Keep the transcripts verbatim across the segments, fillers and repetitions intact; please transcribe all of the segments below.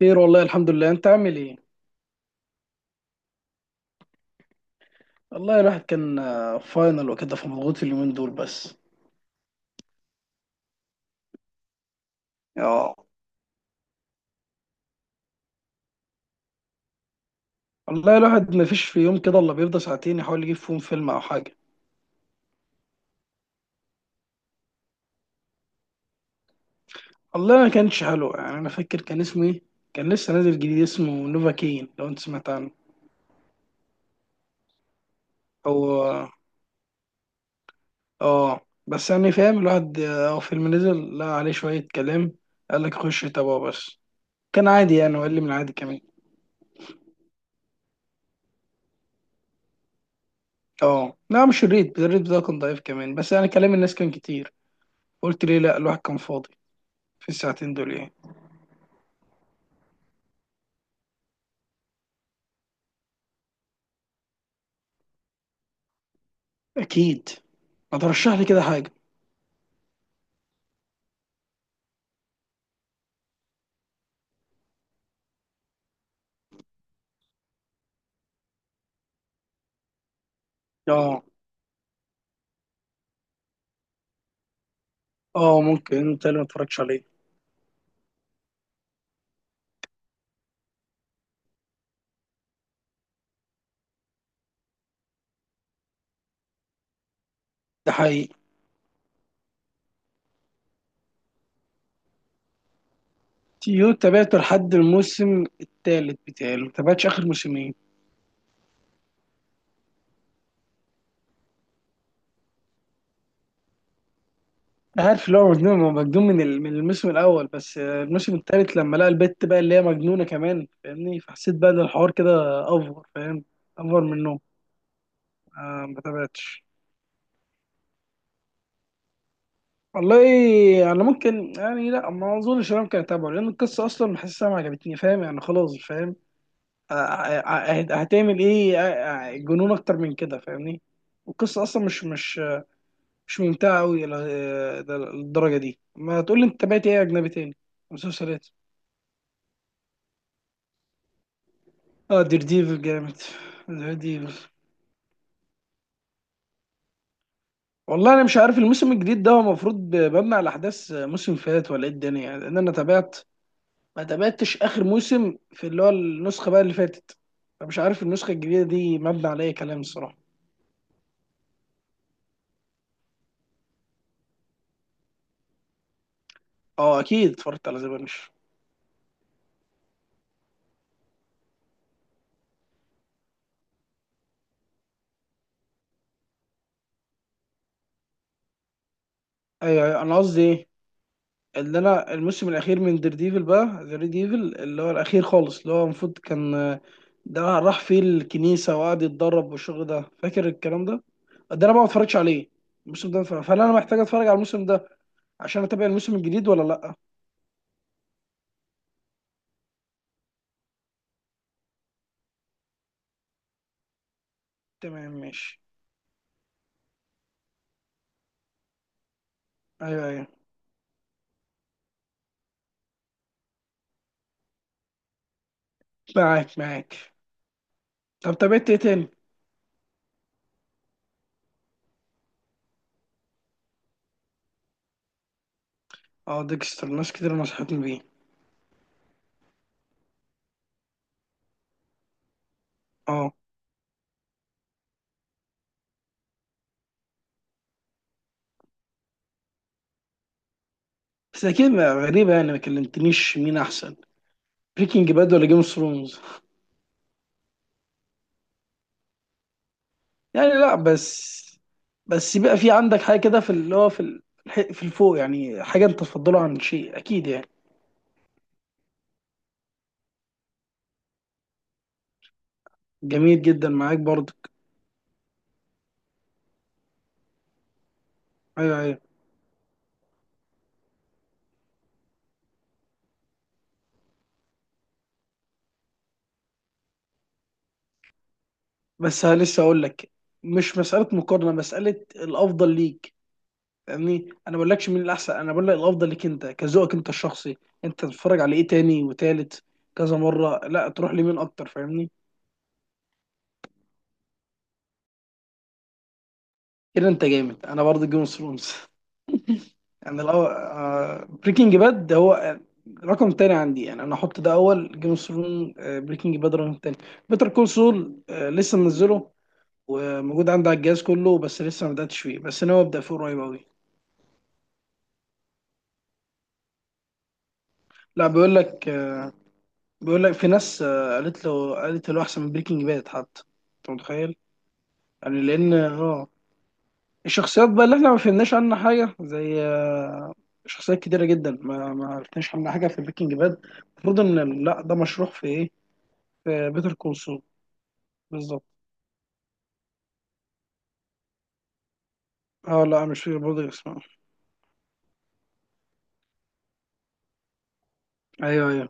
خير والله، الحمد لله، انت عامل ايه؟ والله الواحد كان آه، فاينل وكده، فمضغوط اليومين دول بس. اه. والله الواحد ما فيش في يوم كده الا بيفضى ساعتين يحاول يجيب فيهم فيلم او حاجه. والله ما كانش حلو يعني، انا فاكر كان اسمه ايه. كان لسه نازل جديد، اسمه نوفا كين، لو انت سمعت عنه. هو. اه بس يعني فاهم، الواحد اه، هو فيلم نزل لا عليه شويه كلام، قال لك خش تابعه بس. كان عادي يعني، وقال من العادي كمان. اه لا، مش الريت الريت بتاعه كان ضعيف كمان، بس يعني كلام الناس كان كتير. قلت ليه لا، الواحد كان فاضي في الساعتين دول يعني. اكيد. ما ترشح لي كده حاجه. اه اه، ممكن انت اللي ما اتفرجتش عليه. ده حقيقي. يو تابعته لحد الموسم الثالث بتاعي، ما تابعتش اخر موسمين. عارف اللي هو مجنون، هو مجنون من ال- من الموسم الاول، بس آه، الموسم الثالث لما لقى البت بقى اللي هي مجنونه كمان، فاهمني، فحسيت بقى ان الحوار كده افور فاهم. افور منه. آه ما تابعتش. والله انا ممكن يعني، لا ما اظنش إن انا ممكن اتابعه، لان القصه اصلا حاسسها ما عجبتني، فاهم يعني، خلاص فاهم. آه، آه، آه، هتعمل ايه آه، آه، جنون اكتر من كده، فاهمني. القصه اصلا مش مش مش ممتعه قوي للدرجه دي. ما تقول لي انت تابعت ايه اجنبي تاني، مسلسلات. اه دير ديفل جامد. دير ديفل، والله انا مش عارف الموسم الجديد ده هو المفروض مبني على احداث موسم فات ولا ايه الدنيا، لان انا تابعت، ما تابعتش اخر موسم، في اللي هو النسخه بقى اللي فاتت، فمش عارف النسخه الجديده دي مبني على اي كلام الصراحه. اه اكيد اتفرجت على ذا بانش. ايوه ايوه، انا قصدي ايه، اللي انا الموسم الاخير من دير ديفل، بقى دير ديفل اللي هو الاخير خالص، اللي هو المفروض كان آه، ده راح فيه الكنيسه وقعد يتدرب والشغل ده، فاكر الكلام ده. ده انا بقى ما اتفرجش عليه الموسم ده. ف- فهل انا محتاج اتفرج على الموسم ده عشان اتابع الموسم الجديد ولا لا؟ تمام ماشي. ايوه ايوه معاك معاك. طب تابعت ايه تاني؟ اه ديكستر، ناس كتير نصحتني بيه. اه بس اكيد ما- غريبه يعني، ما كلمتنيش مين احسن، بريكنج باد ولا جيم اوف ثرونز. يعني لا بس، بس يبقى في عندك حاجه كده، في اللي هو في ال- الح- في الفوق يعني، حاجه انت تفضلها عن شيء اكيد يعني. جميل جدا معاك برضك. ايوه ايوه. بس ها، لسه اقول لك، مش مساله مقارنه، مساله الافضل ليك. يعني انا ما بقولكش مين الاحسن، انا بقول لك الافضل ليك انت، كذوقك انت الشخصي، انت تتفرج على ايه تاني وتالت كذا مره، لا تروح لمين اكتر، فاهمني. كده انت جامد، انا برضه جيم اوف ثرونز. يعني لو، بريكنج باد هو آه، رقم تاني عندي، يعني انا احط ده اول جيم اوف ثرون، بريكنج باد رقم تاني. بيتر كول سول لسه منزله وموجود عندي على الجهاز كله، بس لسه ما بداتش فيه، بس انا ابدا فيه قريب قوي. لا بيقول لك آه، بيقول لك في ناس آه، قالت له قالت له احسن من بريكنج باد حتى، انت متخيل. يعني لان اه الشخصيات بقى اللي احنا ما فهمناش عنها حاجه زي آه، شخصيات كتيره جدا ما ما عرفناش عنها حاجه في بريكنج باد. المفروض ان لا ده مشروح في ايه، في بيتر كول سول. بالظبط. اه لا، مش في برضه اسمه. ايوه ايوه،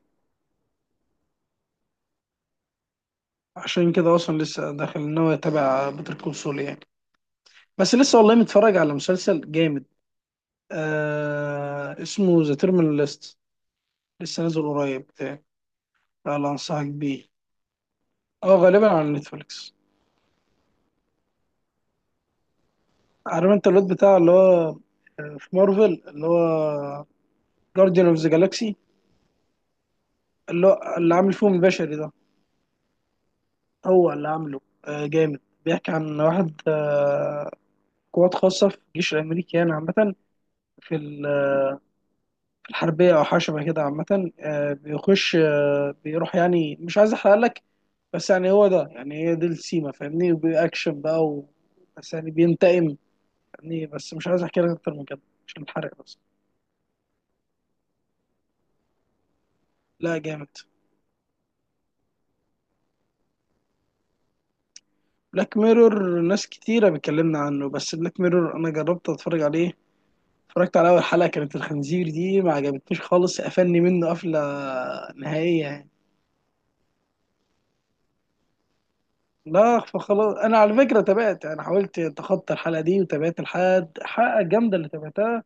عشان كده اصلا لسه داخل ان هو يتابع بيتر كول سول يعني، بس لسه والله متفرج على مسلسل جامد. آه اسمه ذا تيرمينال ليست، لسه نازل قريب بتاعي. لا لا، انصحك بيه. اه غالبا على نتفليكس. عارف انت الواد بتاع اللي هو آه، في مارفل، اللي هو جارديان اوف ذا جالاكسي، اللي هو اللي عامل فيهم البشري ده. هو اللي عامله آه جامد، بيحكي عن واحد آه، قوات خاصة في الجيش الأمريكي يعني، عامة في ال- في الحربية أو حاجة شبه كده عامة، آه، بيخش آه، بيروح يعني، مش عايز أحرق لك. بس يعني هو ده، يعني هي دي السيما فاهمني، وبأكشن بقى و... بس يعني بينتقم يعني، بس مش عايز أحكي لك أكتر من كده عشان الحرق بس. لا جامد. بلاك ميرور، ناس كتيرة بتكلمنا عنه، بس بلاك ميرور أنا جربت أتفرج عليه، اتفرجت على أول حلقة كانت الخنزير دي، ما عجبتنيش خالص، قفلني منه قفلة نهائية. لا فخلاص، انا على فكره تابعت، انا حاولت اتخطى الحلقه دي وتابعت لحد الحلقه الجامده اللي تابعتها،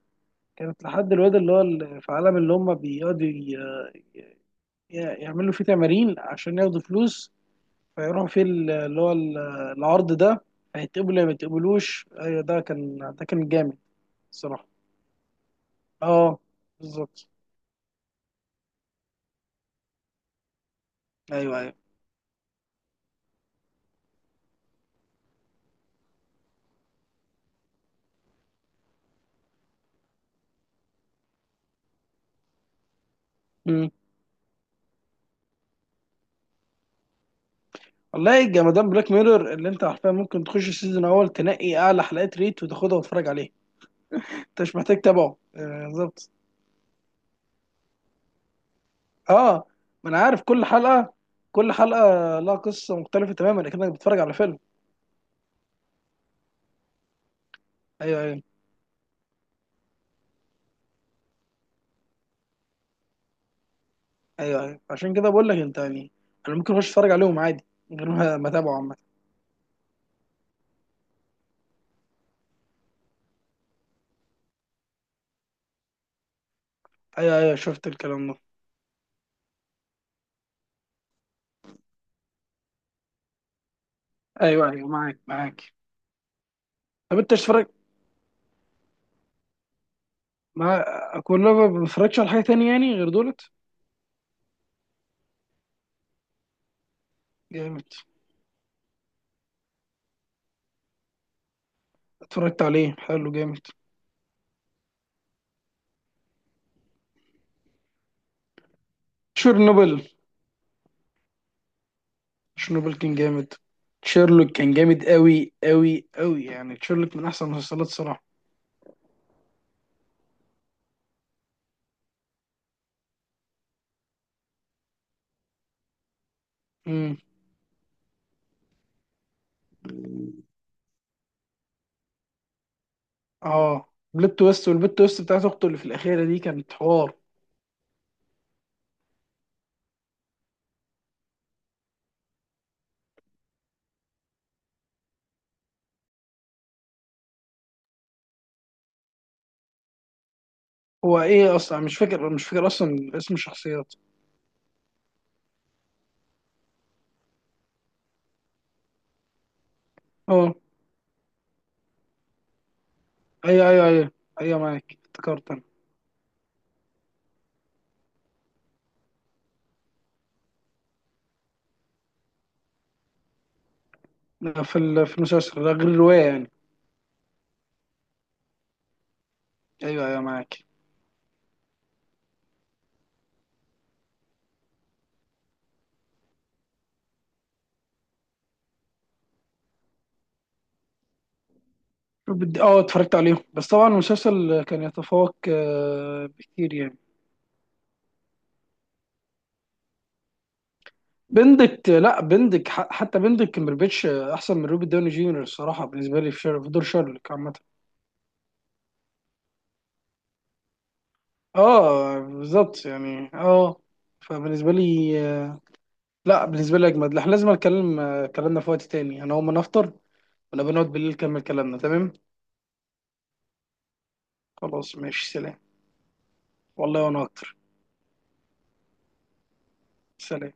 كانت لحد الواد اللي هو ال- في عالم اللي هم بيقعدوا ي- يعملوا فيه تمارين عشان ياخدوا فلوس، فيروحوا فيه ال- اللي هو ال- العرض ده، هيتقبلوا يا ما يتقبلوش. ايوه، ده كان ده كان جامد. الصراحه اه بالظبط. ايوه ايوه. مم. والله جمدان بلاك ميرور، اللي انت عارفها، ممكن تخش السيزون الاول تنقي اعلى حلقات ريت وتاخدها وتتفرج عليها. انت مش محتاج تتابعه آه، بالظبط. اه. ما انا عارف كل حلقه كل حلقه لها قصه مختلفه تماما، اكنك بتتفرج على فيلم. ايوه ايوه ايوه ايوه. عشان كده بقول لك انت يعني، انا ممكن اخش اتفرج عليهم عادي من غير ما ما اتابعه عامه. ايوه ايوه، شفت الكلام ده. ايوه ايوه معاك معاك. طب انت اشترك مع، اكون لو ما بتفرجش على حاجه تانية يعني غير دولت. جامد. اتفرجت عليه حلو جامد. شيرنوبل. شيرنوبل كان جامد. شيرلوك كان جامد قوي قوي قوي، يعني شيرلوك من احسن المسلسلات الصراحه. امم. اه. بلوت تويست، والبلوت تويست بتاعت اخته اللي في الاخيره دي كانت حوار. هو ايه اصلا، مش فاكر مش فاكر اصلا اسم الشخصيات. اه. ايوه ايوه ايوه ايوه، معاك افتكرت انا. لا، في ال- في المسلسل ده غير الروايه يعني. ايوه ايوه معاك. بدي- اه اتفرجت عليهم، بس طبعا المسلسل كان يتفوق آه، بكتير يعني. بندك لا بندك ح- حتى بندك كمبربيتش آه، احسن من روبي داوني جونيور الصراحه، بالنسبه لي في شر- في دور شارلوك عامه. اه بالظبط يعني اه فبالنسبه لي، لا بالنسبه لي اجمد. احنا لازم نتكلم آه، كلامنا في وقت تاني، انا اول ما نفطر ونبقى نقعد بالليل نكمل كلامنا، تمام. خلاص ماشي سلام. والله وانا اكتر. سلام.